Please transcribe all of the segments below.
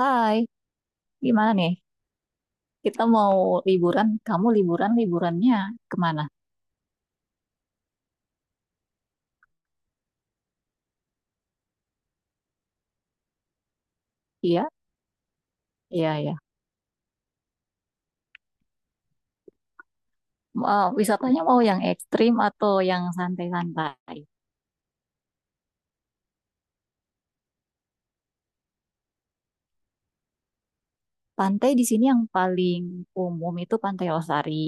Hai, gimana nih? Kita mau liburan. Kamu liburan, liburannya kemana? Iya, iya, iya. Eh, wisatanya mau yang ekstrim atau yang santai-santai? Pantai di sini yang paling umum itu Pantai Losari,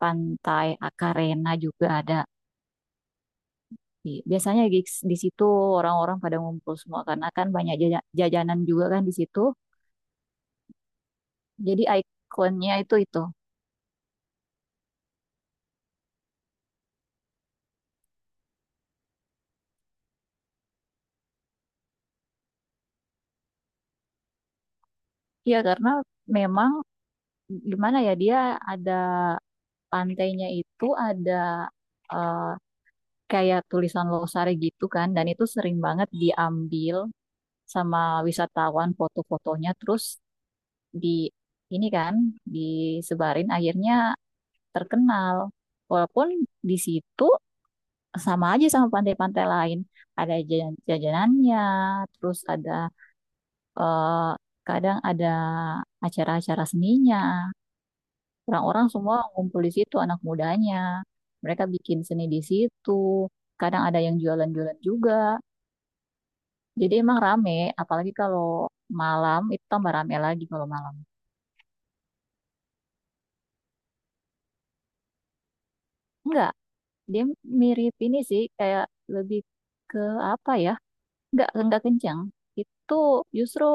Pantai Akarena juga ada. Biasanya di situ orang-orang pada ngumpul semua karena kan banyak jajanan juga kan di situ. Jadi ikonnya itu itu. Iya, karena memang gimana ya dia ada pantainya itu ada eh, kayak tulisan Losari gitu kan, dan itu sering banget diambil sama wisatawan foto-fotonya, terus di ini kan disebarin akhirnya terkenal. Walaupun di situ sama aja sama pantai-pantai lain, ada jajanannya, terus eh, kadang ada acara-acara seninya. Orang-orang semua ngumpul di situ anak mudanya. Mereka bikin seni di situ. Kadang ada yang jualan-jualan juga. Jadi emang rame, apalagi kalau malam itu tambah rame lagi kalau malam. Enggak, dia mirip ini sih kayak lebih ke apa ya? Enggak kencang. Itu justru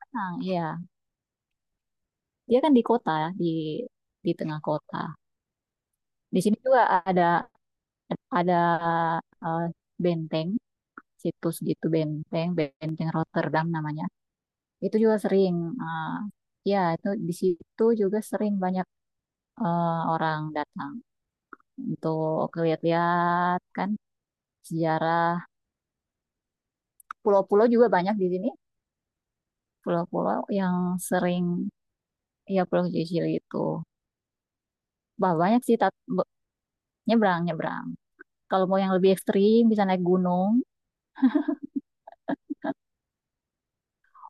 tenang, ya. Dia kan di kota, ya, di tengah kota. Di sini juga ada ada eh, benteng, situs gitu benteng Rotterdam namanya. Itu juga sering. eh, Ya, itu di situ juga sering banyak orang datang untuk lihat-lihat kan sejarah. Pulau-pulau juga banyak di sini. Pulau-pulau yang sering, ya Pulau Sicili itu. Bah, banyak sih, nyebrang, nyebrang. Kalau mau yang lebih ekstrim, bisa naik gunung.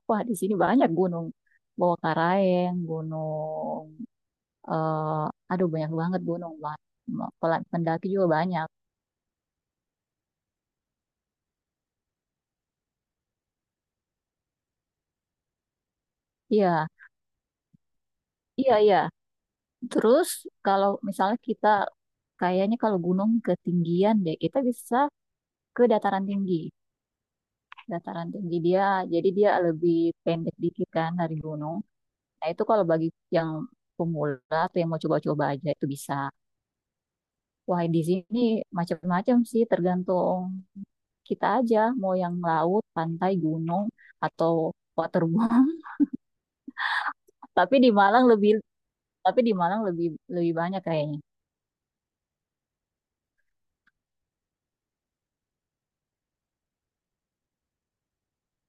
Wah, di sini banyak gunung. Bawah Karaeng, gunung. eh Aduh, banyak banget gunung. Bah. Pendaki juga banyak. Iya, iya, iya. Terus kalau misalnya kita kayaknya kalau gunung ketinggian deh, kita bisa ke dataran tinggi. Dataran tinggi dia, jadi dia lebih pendek dikit kan dari gunung. Nah itu kalau bagi yang pemula atau yang mau coba-coba aja itu bisa. Wah di sini macam-macam sih tergantung kita aja mau yang laut, pantai, gunung atau waterboom. Tapi di Malang lebih tapi di Malang lebih lebih banyak kayaknya.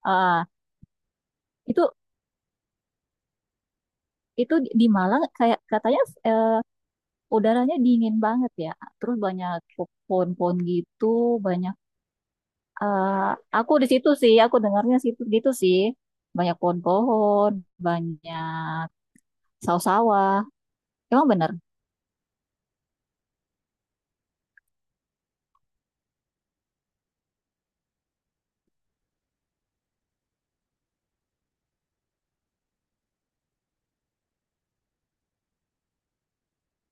Ah, itu itu di Malang kayak katanya eh, udaranya dingin banget ya. Terus banyak pohon-pohon gitu, banyak eh, aku di situ sih, aku dengarnya situ gitu sih. Banyak pohon-pohon, banyak sawah-sawah. Emang bener.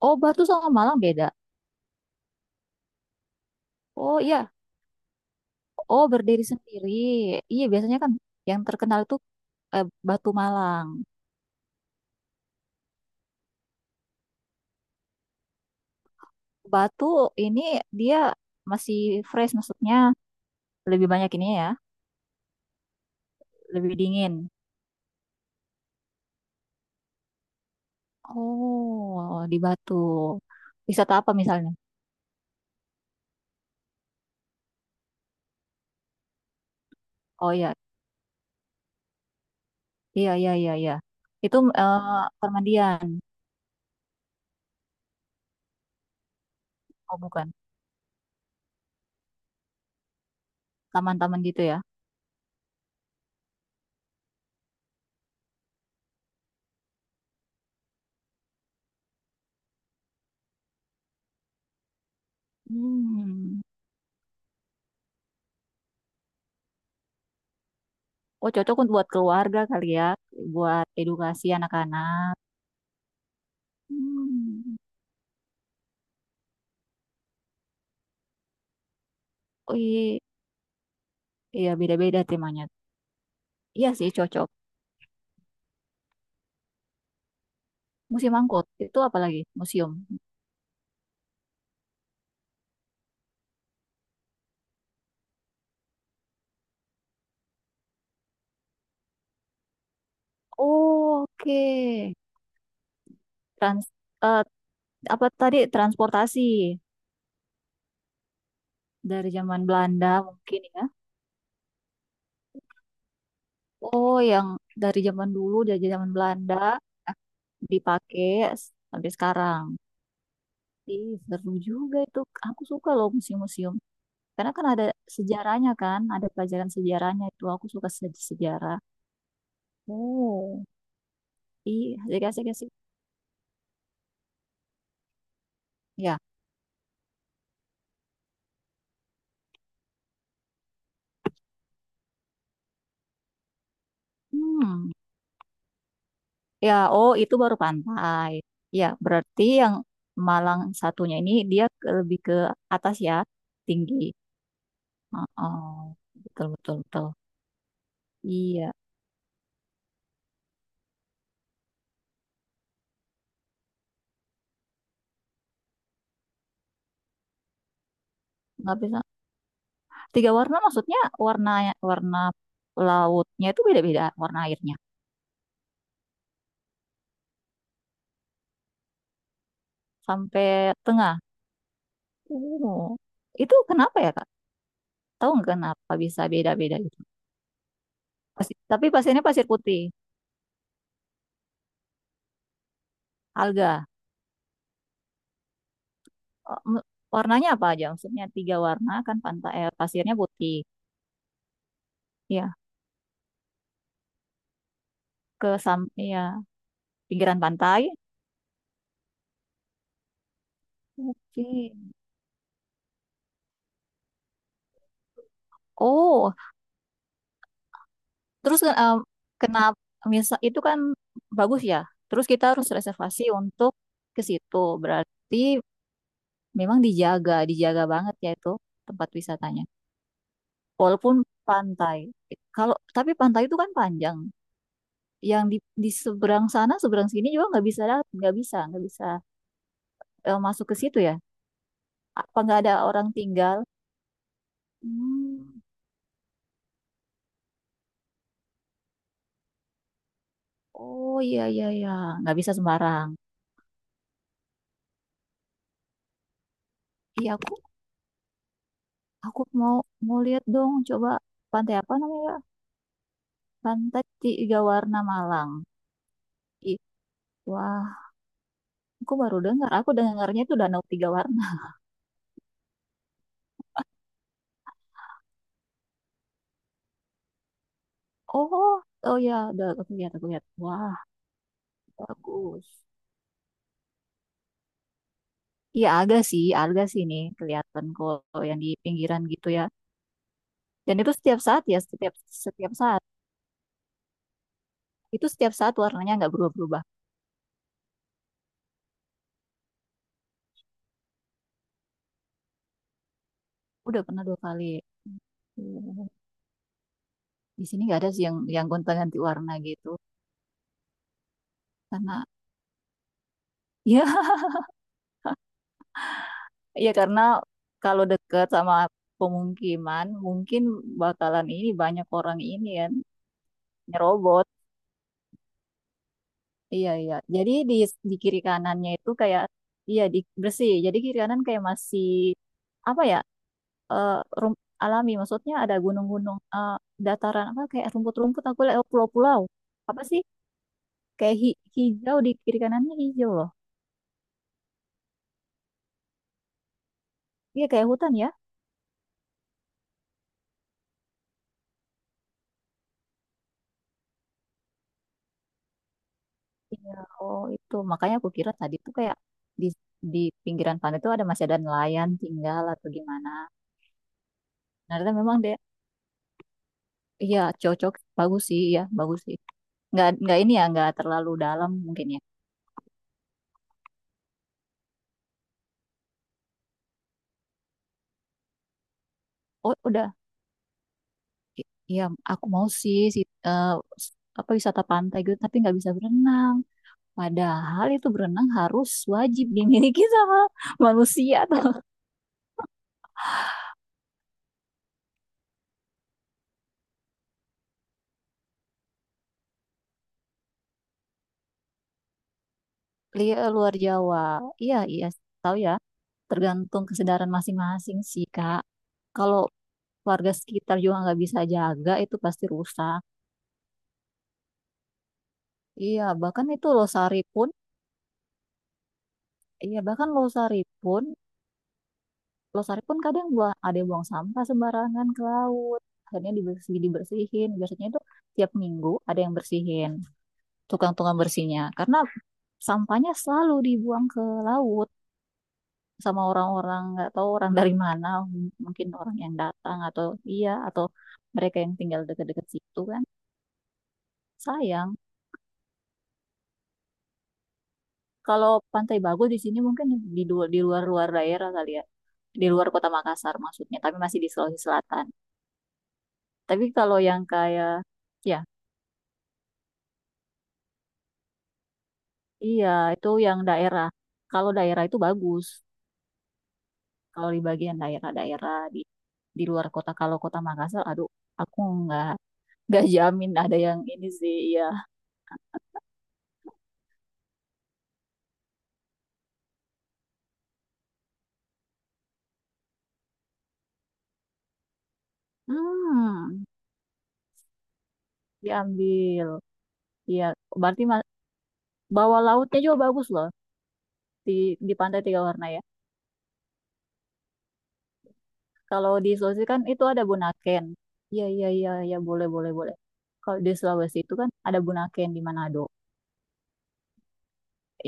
Oh, Batu sama Malang beda. Oh iya, oh berdiri sendiri. Iya, biasanya kan yang terkenal itu Batu Malang. Batu ini dia masih fresh maksudnya lebih banyak ini ya, lebih dingin. Oh, di Batu. Wisata apa misalnya? Oh iya, iya, iya, iya, iya. Itu permandian. Oh bukan, taman-taman gitu ya. Hmm. Oh cocok untuk buat keluarga kali ya, buat edukasi anak-anak. Hmm. Oh iya, iya beda-beda temanya. Iya sih cocok. Museum angkut itu apa lagi? Museum. Oh, oke. Trans, eh, Apa tadi transportasi dari zaman Belanda mungkin ya? Oh, yang dari zaman dulu, dari zaman Belanda eh, dipakai sampai sekarang. Ih, seru juga itu. Aku suka loh museum-museum. Karena kan ada sejarahnya kan, ada pelajaran sejarahnya itu. Aku suka sejarah. Oh, iya, asik-asik. Asik. Asik. Ya, hmm, ya. Oh, itu baru pantai. Ya, berarti yang Malang satunya ini dia lebih ke atas ya, tinggi. Oh, betul, betul, betul. Iya, nggak bisa. Tiga warna maksudnya warna warna lautnya itu beda-beda warna airnya sampai tengah. Oh, itu kenapa ya Kak? Tahu nggak kenapa bisa beda-beda gitu? Tapi pasirnya pasir putih, alga. Eh, m- Warnanya apa aja? Maksudnya tiga warna kan pantai pasirnya putih. Ya, ke sam ya pinggiran pantai. Oke. Oh, terus kenapa misal itu kan bagus ya. Terus kita harus reservasi untuk ke situ. Berarti memang dijaga, dijaga banget ya itu tempat wisatanya. Walaupun pantai. Kalau tapi pantai itu kan panjang. Yang di seberang sana, seberang sini juga nggak bisa, nggak bisa, nggak bisa masuk ke situ ya. Apa nggak ada orang tinggal? Hmm. Oh iya iya iya, nggak bisa sembarang. Iya aku mau mau lihat dong, coba pantai apa namanya? Pantai Tiga Warna Malang. Ih, wah, aku baru dengar. Aku dengarnya itu Danau Tiga Warna. Oh, oh ya, udah aku lihat, aku lihat. Wah, bagus. Iya, ada sih nih kelihatan kalau yang di pinggiran gitu ya. Dan itu setiap saat ya, setiap setiap saat. Itu setiap saat warnanya nggak berubah-berubah. Udah pernah dua kali. Hmm. Di sini nggak ada sih yang gonta-ganti warna gitu. Karena ya, ya karena kalau dekat sama pemukiman mungkin bakalan ini banyak orang ini kan nyerobot. Iya, iya. Jadi di kiri kanannya itu kayak, iya, bersih. Jadi kiri kanan kayak masih, apa ya, eh, alami. Maksudnya ada gunung-gunung, dataran, apa, kayak rumput-rumput, aku lihat oh, pulau-pulau. Apa sih? Kayak hijau di kiri kanannya hijau loh. Iya, kayak hutan ya. Iya, oh itu. Makanya aku kira tadi tuh kayak di, di pinggiran pantai itu ada masih ada nelayan tinggal atau gimana. Nah, ternyata memang deh, iya cocok, bagus sih, ya bagus sih. Nggak ini ya, nggak terlalu dalam mungkin ya. Oh udah. Iya aku mau sih eh, s- apa wisata pantai gitu tapi nggak bisa berenang, padahal itu berenang harus wajib dimiliki sama manusia atau luar Jawa. Iya iya tahu ya, tergantung kesedaran masing-masing sih kak. Kalau warga sekitar juga nggak bisa jaga itu pasti rusak. Iya bahkan itu losari pun, iya bahkan losari pun, Lestari pun kadang buang, ada yang buang sampah sembarangan ke laut. Akhirnya dibersihin. Biasanya itu tiap minggu ada yang bersihin. Tukang-tukang bersihnya. Karena sampahnya selalu dibuang ke laut sama orang-orang nggak tahu orang dari mana. Mungkin orang yang datang atau iya atau mereka yang tinggal dekat-dekat situ kan. Sayang. Kalau pantai bagus di sini mungkin di luar-luar daerah kali ya. Di luar kota Makassar maksudnya, tapi masih di Sulawesi Selatan. Tapi kalau yang kayak ya. Iya, itu yang daerah. Kalau daerah itu bagus. Kalau di bagian daerah-daerah di luar kota, kalau kota Makassar, aduh, aku nggak nggak jamin ada yang ini sih. Iya, hmm, diambil. Iya, berarti bawah lautnya juga bagus loh di di Pantai Tiga Warna ya. Kalau di Sulawesi kan itu ada Bunaken. Iya, iya, iya, iya, boleh, boleh, boleh. Kalau di Sulawesi itu kan ada Bunaken di Manado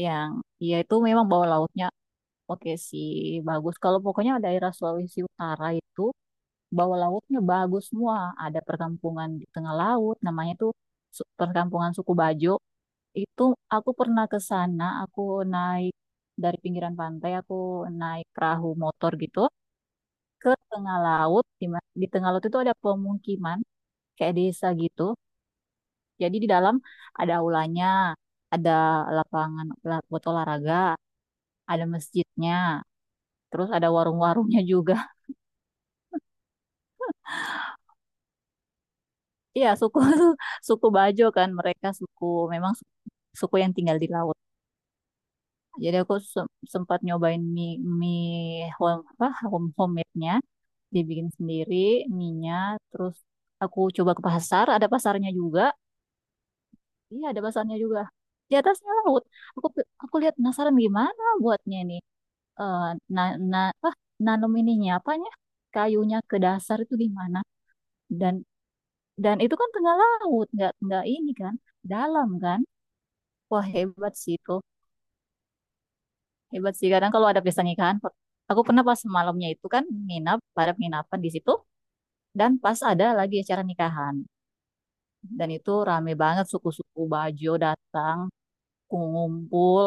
yang ya itu memang bawah lautnya oke sih, bagus. Kalau pokoknya daerah Sulawesi Utara itu bawah lautnya bagus semua. Ada perkampungan di tengah laut, namanya tuh perkampungan suku Bajo. Itu aku pernah ke sana, aku naik dari pinggiran pantai, aku naik perahu motor gitu ke tengah laut. Di tengah laut itu ada pemukiman kayak desa gitu. Jadi di dalam ada aulanya, ada lapangan buat olahraga, ada masjidnya, terus ada warung-warungnya juga. Iya, suku suku Bajo kan mereka suku memang suku yang tinggal di laut. Jadi aku sempat nyobain mie mie home homemade-nya, dibikin sendiri mie-nya, terus aku coba ke pasar, ada pasarnya juga. Iya, ada pasarnya juga. Di atasnya laut. Aku aku lihat penasaran gimana buatnya ini. Eh na, na, apa nanam ininya apanya? Kayunya ke dasar itu gimana? Dan dan itu kan tengah laut, nggak ini kan, dalam kan. Wah hebat sih itu, hebat sih. Kadang kalau ada pesta nikahan, aku pernah pas malamnya itu kan nginap pada penginapan di situ, dan pas ada lagi acara nikahan, dan itu rame banget suku-suku Bajo datang, ngumpul,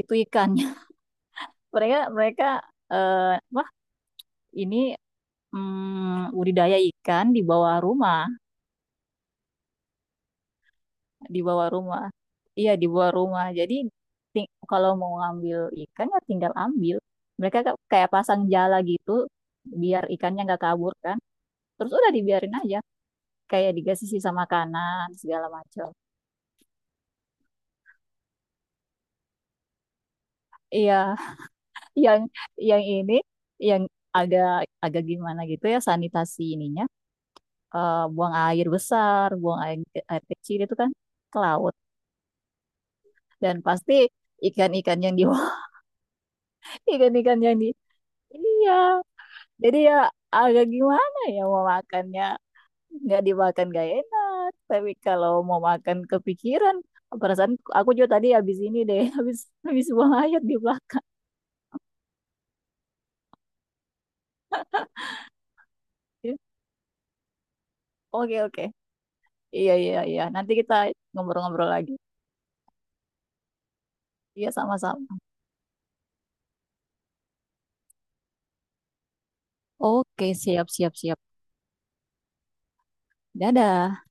itu ikannya. Mereka mereka eh, wah ini budidaya ikan di bawah rumah. Di bawah rumah. Iya, di bawah rumah. Jadi kalau mau ngambil ikan ya tinggal ambil. Mereka kayak pasang jala gitu biar ikannya nggak kabur kan. Terus udah dibiarin aja kayak dikasih sisa makanan segala macam. Iya, yang yang ini yang agak agak gimana gitu ya sanitasi ininya. Buang air besar, buang air, air kecil itu kan ke laut dan pasti ikan-ikan yang di ikan-ikan yang di. Iya, jadi ya agak gimana ya mau makannya. Nggak dimakan gak enak. Tapi kalau mau makan kepikiran, perasaan aku juga tadi habis ini deh, habis habis buang air di belakang. Oke oke. Iya iya iya. Nanti kita ngobrol-ngobrol lagi. Iya sama-sama. Oke siap siap siap. Dadah.